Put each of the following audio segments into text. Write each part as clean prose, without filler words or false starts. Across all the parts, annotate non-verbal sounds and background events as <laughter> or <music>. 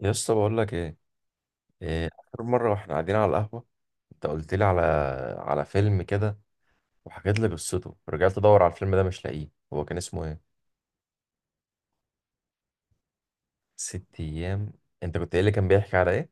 يا اسطى، بقول لك ايه؟ إيه، اخر مره واحنا قاعدين على القهوه، انت قلت لي على فيلم كده، وحكيت لي قصته. رجعت ادور على الفيلم ده، مش لاقيه. هو كان اسمه ايه؟ ست ايام؟ انت كنت قايل لي كان بيحكي على ايه؟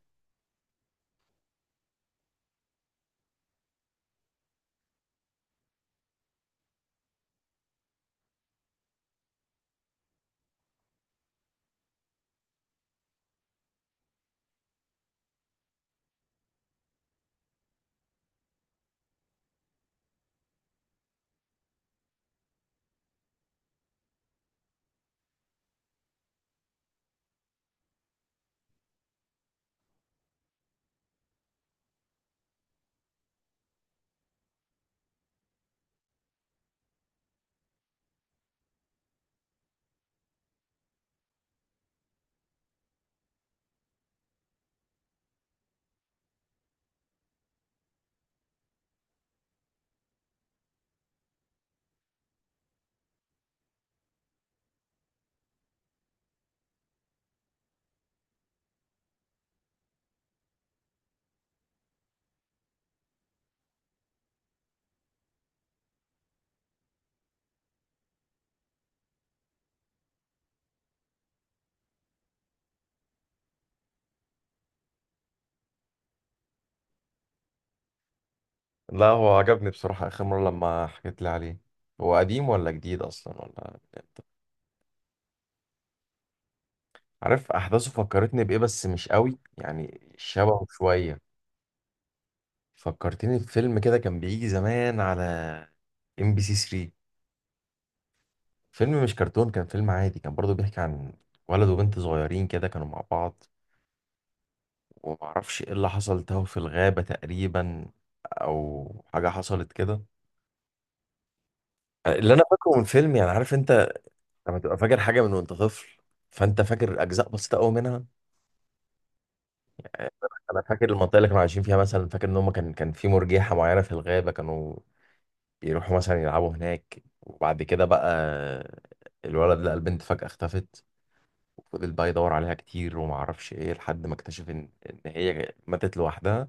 لا، هو عجبني بصراحه اخر مره لما حكيت لي عليه. هو قديم ولا جديد اصلا، ولا؟ عارف احداثه فكرتني بايه، بس مش قوي يعني، شبهه شويه. فكرتني بفيلم كده كان بيجي زمان على ام بي سي ثلاثة، فيلم مش كرتون، كان فيلم عادي، كان برضو بيحكي عن ولد وبنت صغيرين كده كانوا مع بعض. ومعرفش ايه اللي حصل، تاهوا في الغابة تقريبا، او حاجة حصلت كده. اللي انا فاكره من فيلم يعني، عارف انت، لما تبقى فاكر حاجة من وانت طفل، فانت فاكر اجزاء بسيطة قوي منها. آه، انا فاكر المنطقة اللي كانوا عايشين فيها مثلا، فاكر ان هم كان في مرجيحة معينة في الغابة، كانوا بيروحوا مثلا يلعبوا هناك، وبعد كده بقى الولد لقى البنت فجأة اختفت. وفضل بقى يدور عليها كتير وما اعرفش ايه، لحد ما اكتشف ان هي ماتت لوحدها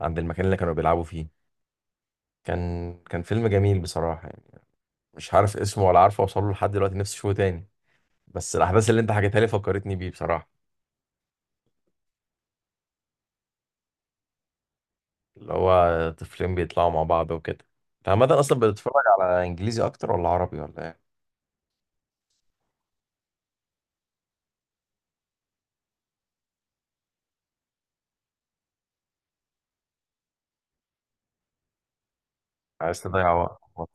عند المكان اللي كانوا بيلعبوا فيه. كان فيلم جميل بصراحة يعني. مش عارف اسمه ولا عارف اوصله لحد دلوقتي، نفسي اشوفه تاني. بس الاحداث اللي انت حكيتها لي فكرتني بيه بصراحة، اللي هو طفلين بيطلعوا مع بعض وكده. انت عامة اصلا بتتفرج على انجليزي اكتر ولا عربي ولا ايه؟ عايز تضيع وقت.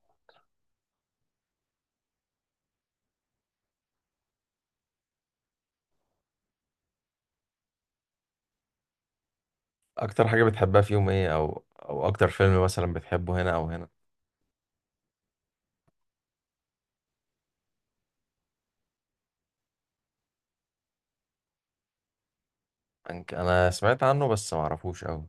اكتر حاجة بتحبها فيهم ايه، او اكتر فيلم مثلا بتحبه هنا او هنا؟ انا سمعت عنه بس ما اعرفوش قوي.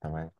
تمام.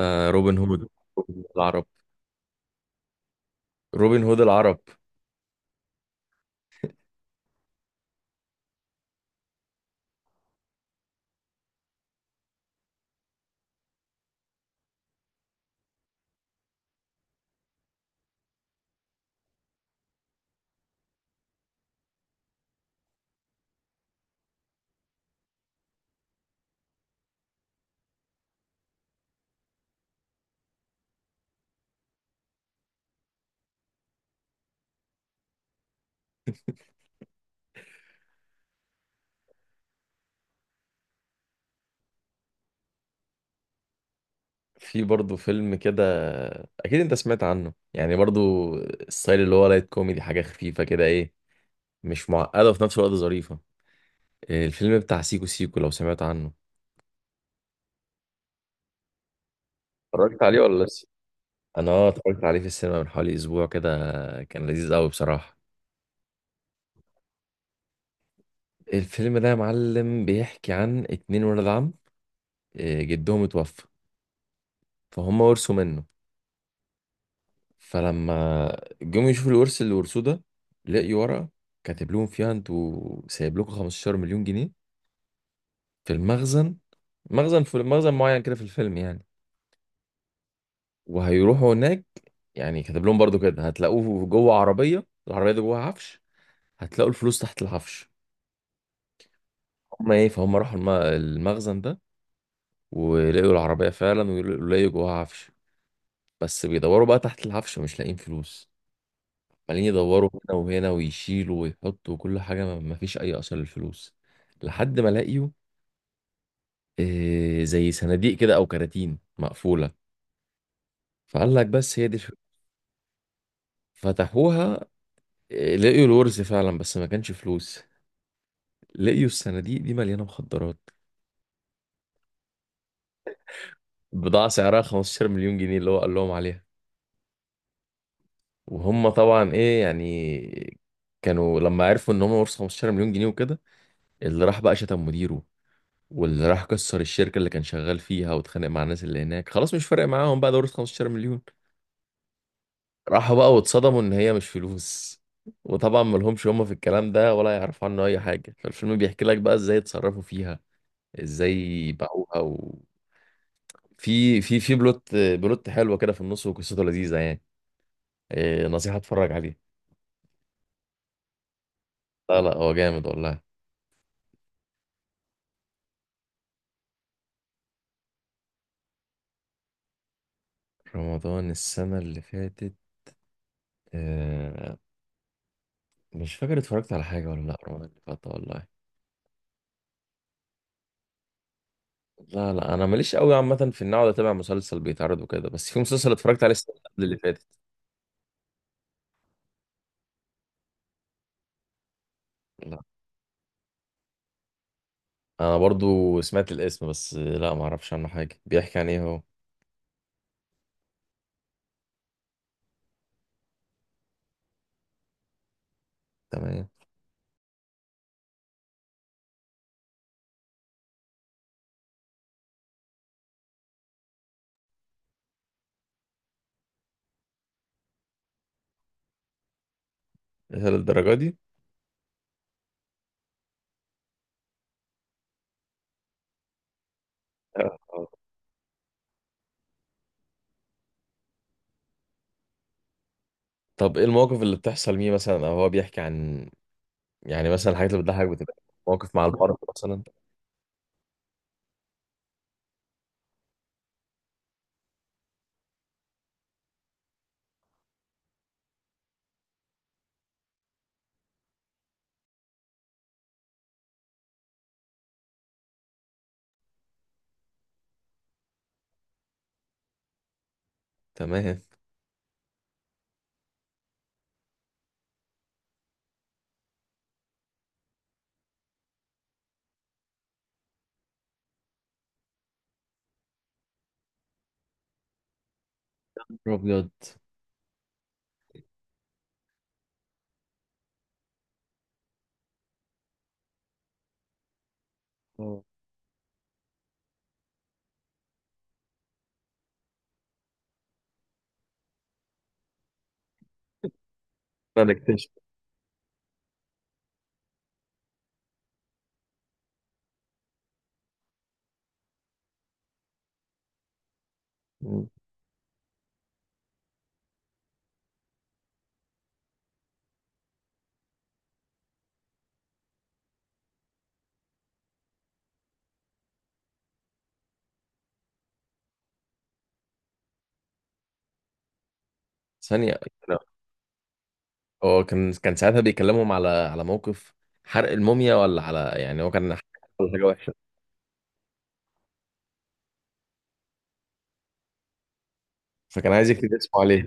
آه، روبن هود العرب. روبن هود العرب. في برضه فيلم كده، اكيد انت سمعت عنه يعني برضه، الستايل اللي هو لايت كوميدي، حاجه خفيفه كده، ايه؟ مش معقده وفي نفس الوقت ظريفه. الفيلم بتاع سيكو سيكو، لو سمعت عنه. اتفرجت عليه ولا لسه؟ انا اتفرجت عليه في السينما من حوالي اسبوع كده. كان لذيذ قوي بصراحه. الفيلم ده يا معلم، بيحكي عن اتنين ولاد عم. جدهم اتوفى، فهم ورثوا منه. فلما جم يشوفوا الورث اللي ورثوه ده، لقيوا ورقة كاتب لهم فيها انتوا سايب لكم 15 مليون جنيه في المخزن، مخزن في مخزن معين كده في الفيلم يعني. وهيروحوا هناك، يعني كاتب لهم برضو كده هتلاقوه جوه عربية، العربية دي جوه عفش، هتلاقوا الفلوس تحت العفش. هما ايه، فهم راحوا المخزن ده، ولقوا العربية فعلا ولقوا جواها عفش. بس بيدوروا بقى تحت العفش مش لاقيين فلوس. عمالين يدوروا هنا وهنا ويشيلوا ويحطوا وكل حاجة، ما فيش أي أثر للفلوس. لحد ما لاقيوا زي صناديق كده أو كراتين مقفولة. فقال لك بس هي دي الفلوس. فتحوها، لقيوا الورث فعلا بس ما كانش فلوس. لقيوا الصناديق دي مليانة مخدرات. بضاعة سعرها 15 مليون جنيه اللي هو قال لهم عليها. وهم طبعا إيه يعني، كانوا لما عرفوا إن هم ورثوا 15 مليون جنيه وكده، اللي راح بقى شتم مديره، واللي راح كسر الشركة اللي كان شغال فيها واتخانق مع الناس اللي هناك، خلاص مش فارق معاهم بقى، دورة 15 مليون. راحوا بقى واتصدموا ان هي مش فلوس. وطبعا ملهمش هم في الكلام ده ولا يعرفوا عنه اي حاجة، فالفيلم بيحكي لك بقى ازاي اتصرفوا فيها، ازاي باعوها في بلوت حلوة كده في النص، وقصته لذيذة يعني. إيه، نصيحة اتفرج عليه. لا لا، هو جامد والله. رمضان السنة اللي فاتت؟ آه، مش فاكر اتفرجت على حاجة ولا لا، رمضان اللي فات والله. لا لا، انا ماليش قوي عامه في ان اقعد اتابع مسلسل بيتعرض وكده، بس في مسلسل اتفرجت عليه السنه اللي <laughs> قبل اللي فاتت. لا، انا برضو سمعت الاسم بس لا، ما اعرفش عنه حاجه. بيحكي عن ايه هو؟ تمام. إيه، للدرجه دي؟ آه. طب ايه المواقف اللي بتحصل ليه مثلا، او هو بيحكي عن، يعني مثلا الحاجات اللي بتضحك بتبقى مواقف مع الارض مثلا؟ تمام. ابيض. اه، انا اكتشف. مم. ثانيه. لا، هو كان ساعتها بيكلمهم على موقف حرق الموميا، ولا على، يعني هو كان حرق حاجه، فكان عايز يكتب اسمه عليه.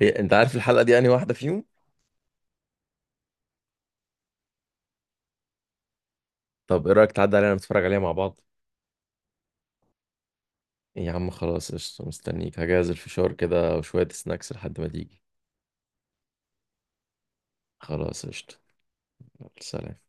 إيه، انت عارف الحلقه دي انهي واحده فيهم؟ طب ايه رايك تعدي علينا نتفرج عليها مع بعض؟ إيه يا عم، خلاص قشطه، مستنيك هجهز الفشار كده وشويه سناكس لحد ما تيجي. خلاص قشطه. يلا، سلام.